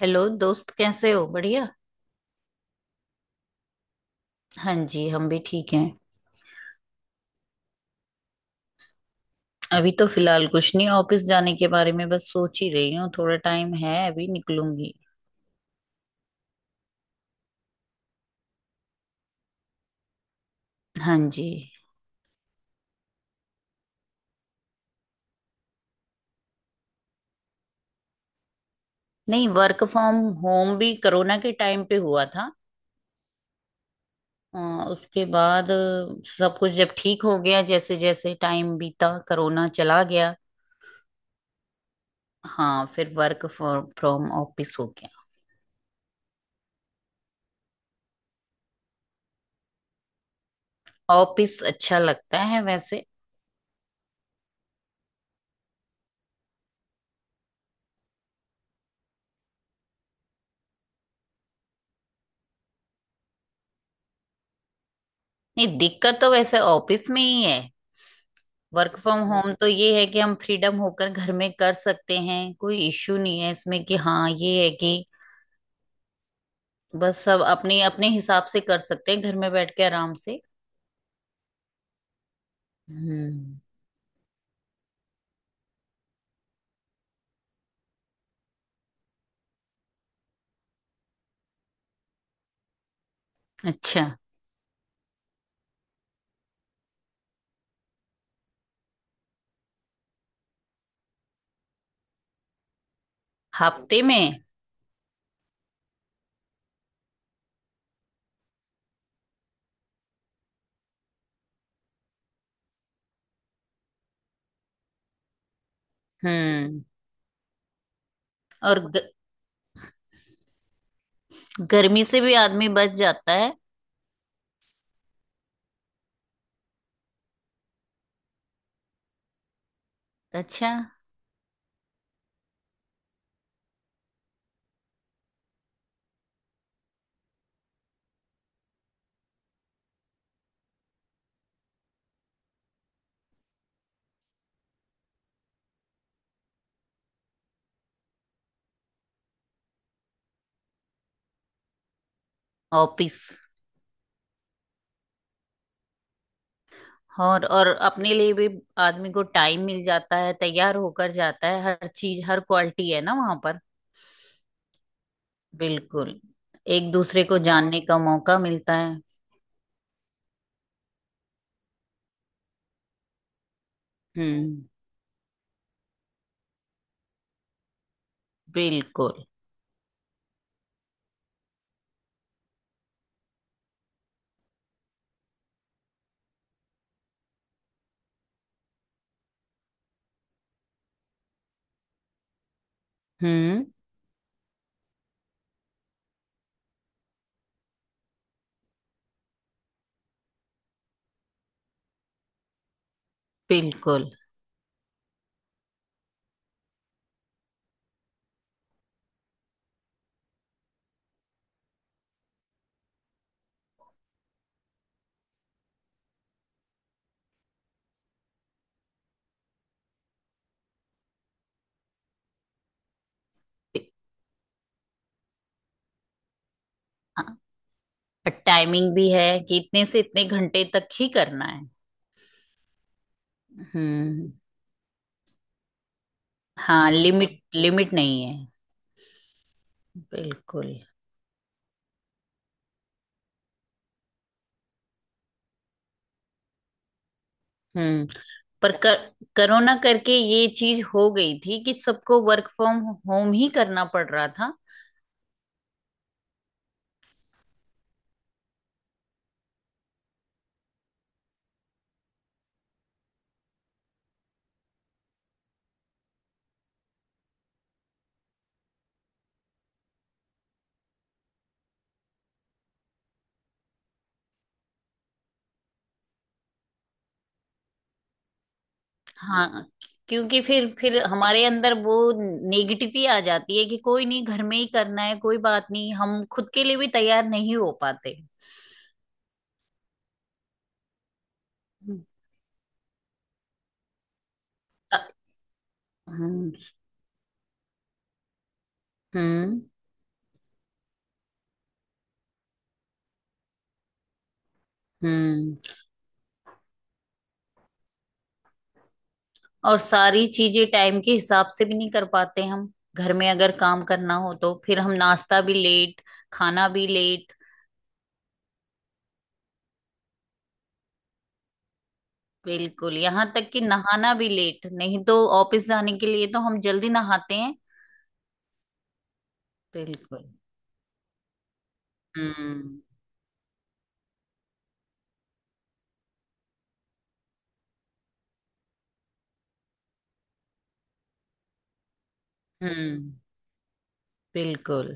Hello दोस्त कैसे हो बढ़िया। हाँ जी हम भी ठीक हैं। अभी तो फिलहाल कुछ नहीं, ऑफिस जाने के बारे में बस सोच ही रही हूँ, थोड़ा टाइम है अभी निकलूंगी। हाँ जी। नहीं, वर्क फ्रॉम होम भी कोरोना के टाइम पे हुआ था। अ, उसके बाद सब कुछ जब ठीक हो गया, जैसे जैसे टाइम बीता, कोरोना चला गया। हाँ, फिर वर्क फ्रॉम ऑफिस हो गया। ऑफिस अच्छा लगता है वैसे। नहीं, दिक्कत तो वैसे ऑफिस में ही है। वर्क फ्रॉम होम तो ये है कि हम फ्रीडम होकर घर में कर सकते हैं, कोई इश्यू नहीं है इसमें कि हाँ ये है कि बस सब अपने अपने हिसाब से कर सकते हैं, घर में बैठ के आराम से। हम्म। अच्छा। हफ्ते में। हम्म। और ग, गर्मी से भी आदमी बच जाता है। अच्छा। ऑफिस। और अपने लिए भी आदमी को टाइम मिल जाता है, तैयार होकर जाता है, हर चीज हर क्वालिटी है ना वहां पर। बिल्कुल। एक दूसरे को जानने का मौका मिलता है। हम्म। बिल्कुल। हम्म। बिल्कुल। और टाइमिंग भी है कि इतने से इतने घंटे तक ही करना है। हम्म। हाँ, लिमिट लिमिट नहीं है। बिल्कुल। हम्म। पर कर, कोरोना करके ये चीज हो गई थी कि सबको वर्क फ्रॉम होम ही करना पड़ रहा था। हाँ, क्योंकि फिर हमारे अंदर वो नेगेटिव ही आ जाती है कि कोई नहीं, घर में ही करना है, कोई बात नहीं, हम खुद के लिए भी तैयार नहीं हो पाते। हम्म हम्म हम्म। और सारी चीजें टाइम के हिसाब से भी नहीं कर पाते हम, घर में अगर काम करना हो तो फिर हम नाश्ता भी लेट, खाना भी लेट। बिल्कुल, यहाँ तक कि नहाना भी लेट, नहीं तो ऑफिस जाने के लिए तो हम जल्दी नहाते हैं। बिल्कुल। हम्म हम्म। बिल्कुल।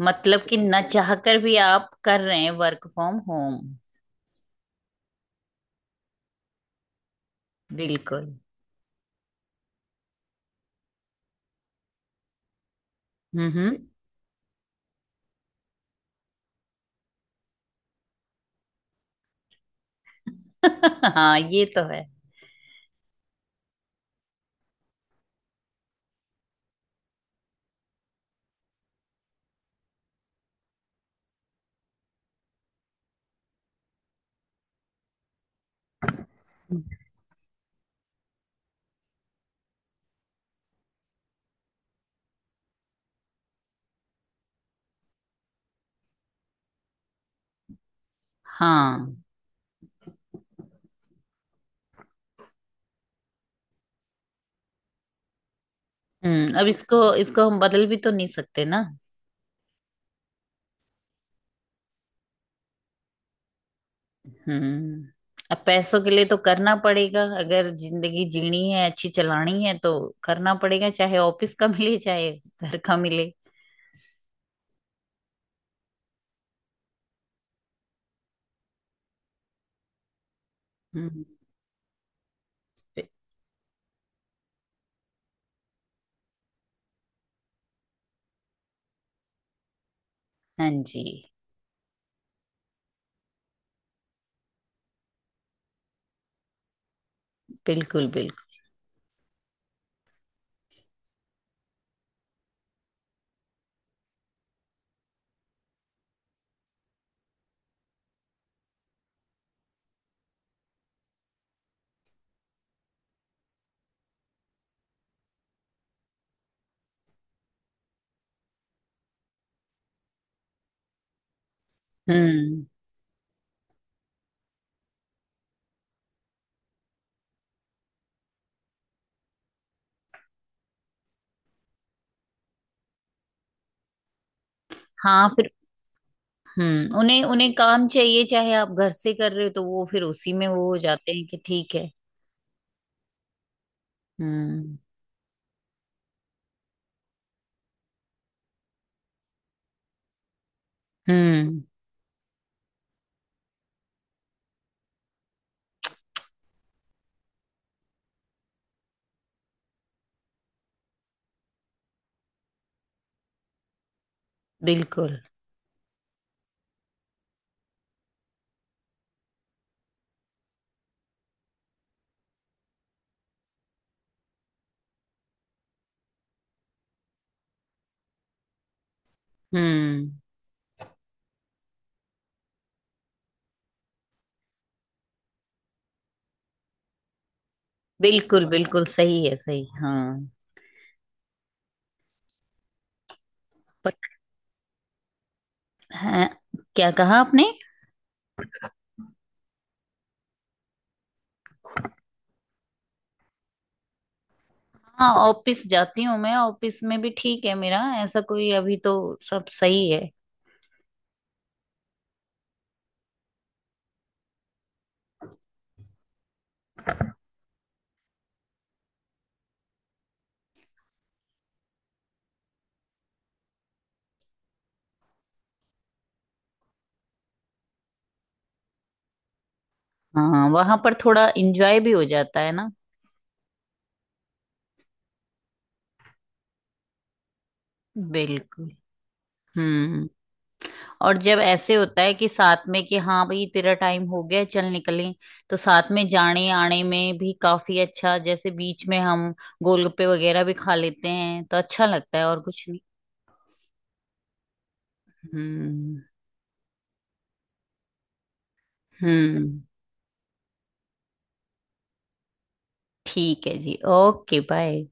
मतलब कि न चाहकर भी आप कर रहे हैं वर्क फ्रॉम होम। बिल्कुल। हम्म। हाँ ये तो है। हाँ। हम्म, अब इसको इसको हम बदल भी तो नहीं सकते ना। हम्म। अब पैसों के लिए तो करना पड़ेगा, अगर जिंदगी जीनी है अच्छी चलानी है तो करना पड़ेगा, चाहे ऑफिस का मिले चाहे घर का मिले। हम्म। बि- हाँ जी। बिल्कुल बिल्कुल। हम्म। हाँ, फिर। हम्म, उन्हें उन्हें काम चाहिए, चाहे आप घर से कर रहे हो तो वो फिर उसी में वो हो जाते हैं कि ठीक है। हम्म हम्म। बिल्कुल। हम्म। बिल्कुल बिल्कुल, सही है सही। हाँ पक, हाँ, क्या कहा आपने? हाँ, ऑफिस जाती हूँ मैं, ऑफिस में भी ठीक है मेरा, ऐसा कोई अभी तो, सब सही है। हाँ, वहां पर थोड़ा इंजॉय भी हो जाता है ना। बिल्कुल। हम्म। और जब ऐसे होता है कि साथ में कि हाँ भाई तेरा टाइम हो गया चल निकलें, तो साथ में जाने आने में भी काफी अच्छा, जैसे बीच में हम गोलगप्पे वगैरह भी खा लेते हैं तो अच्छा लगता है, और कुछ नहीं। हम्म हम्म। ठीक है जी, ओके बाय।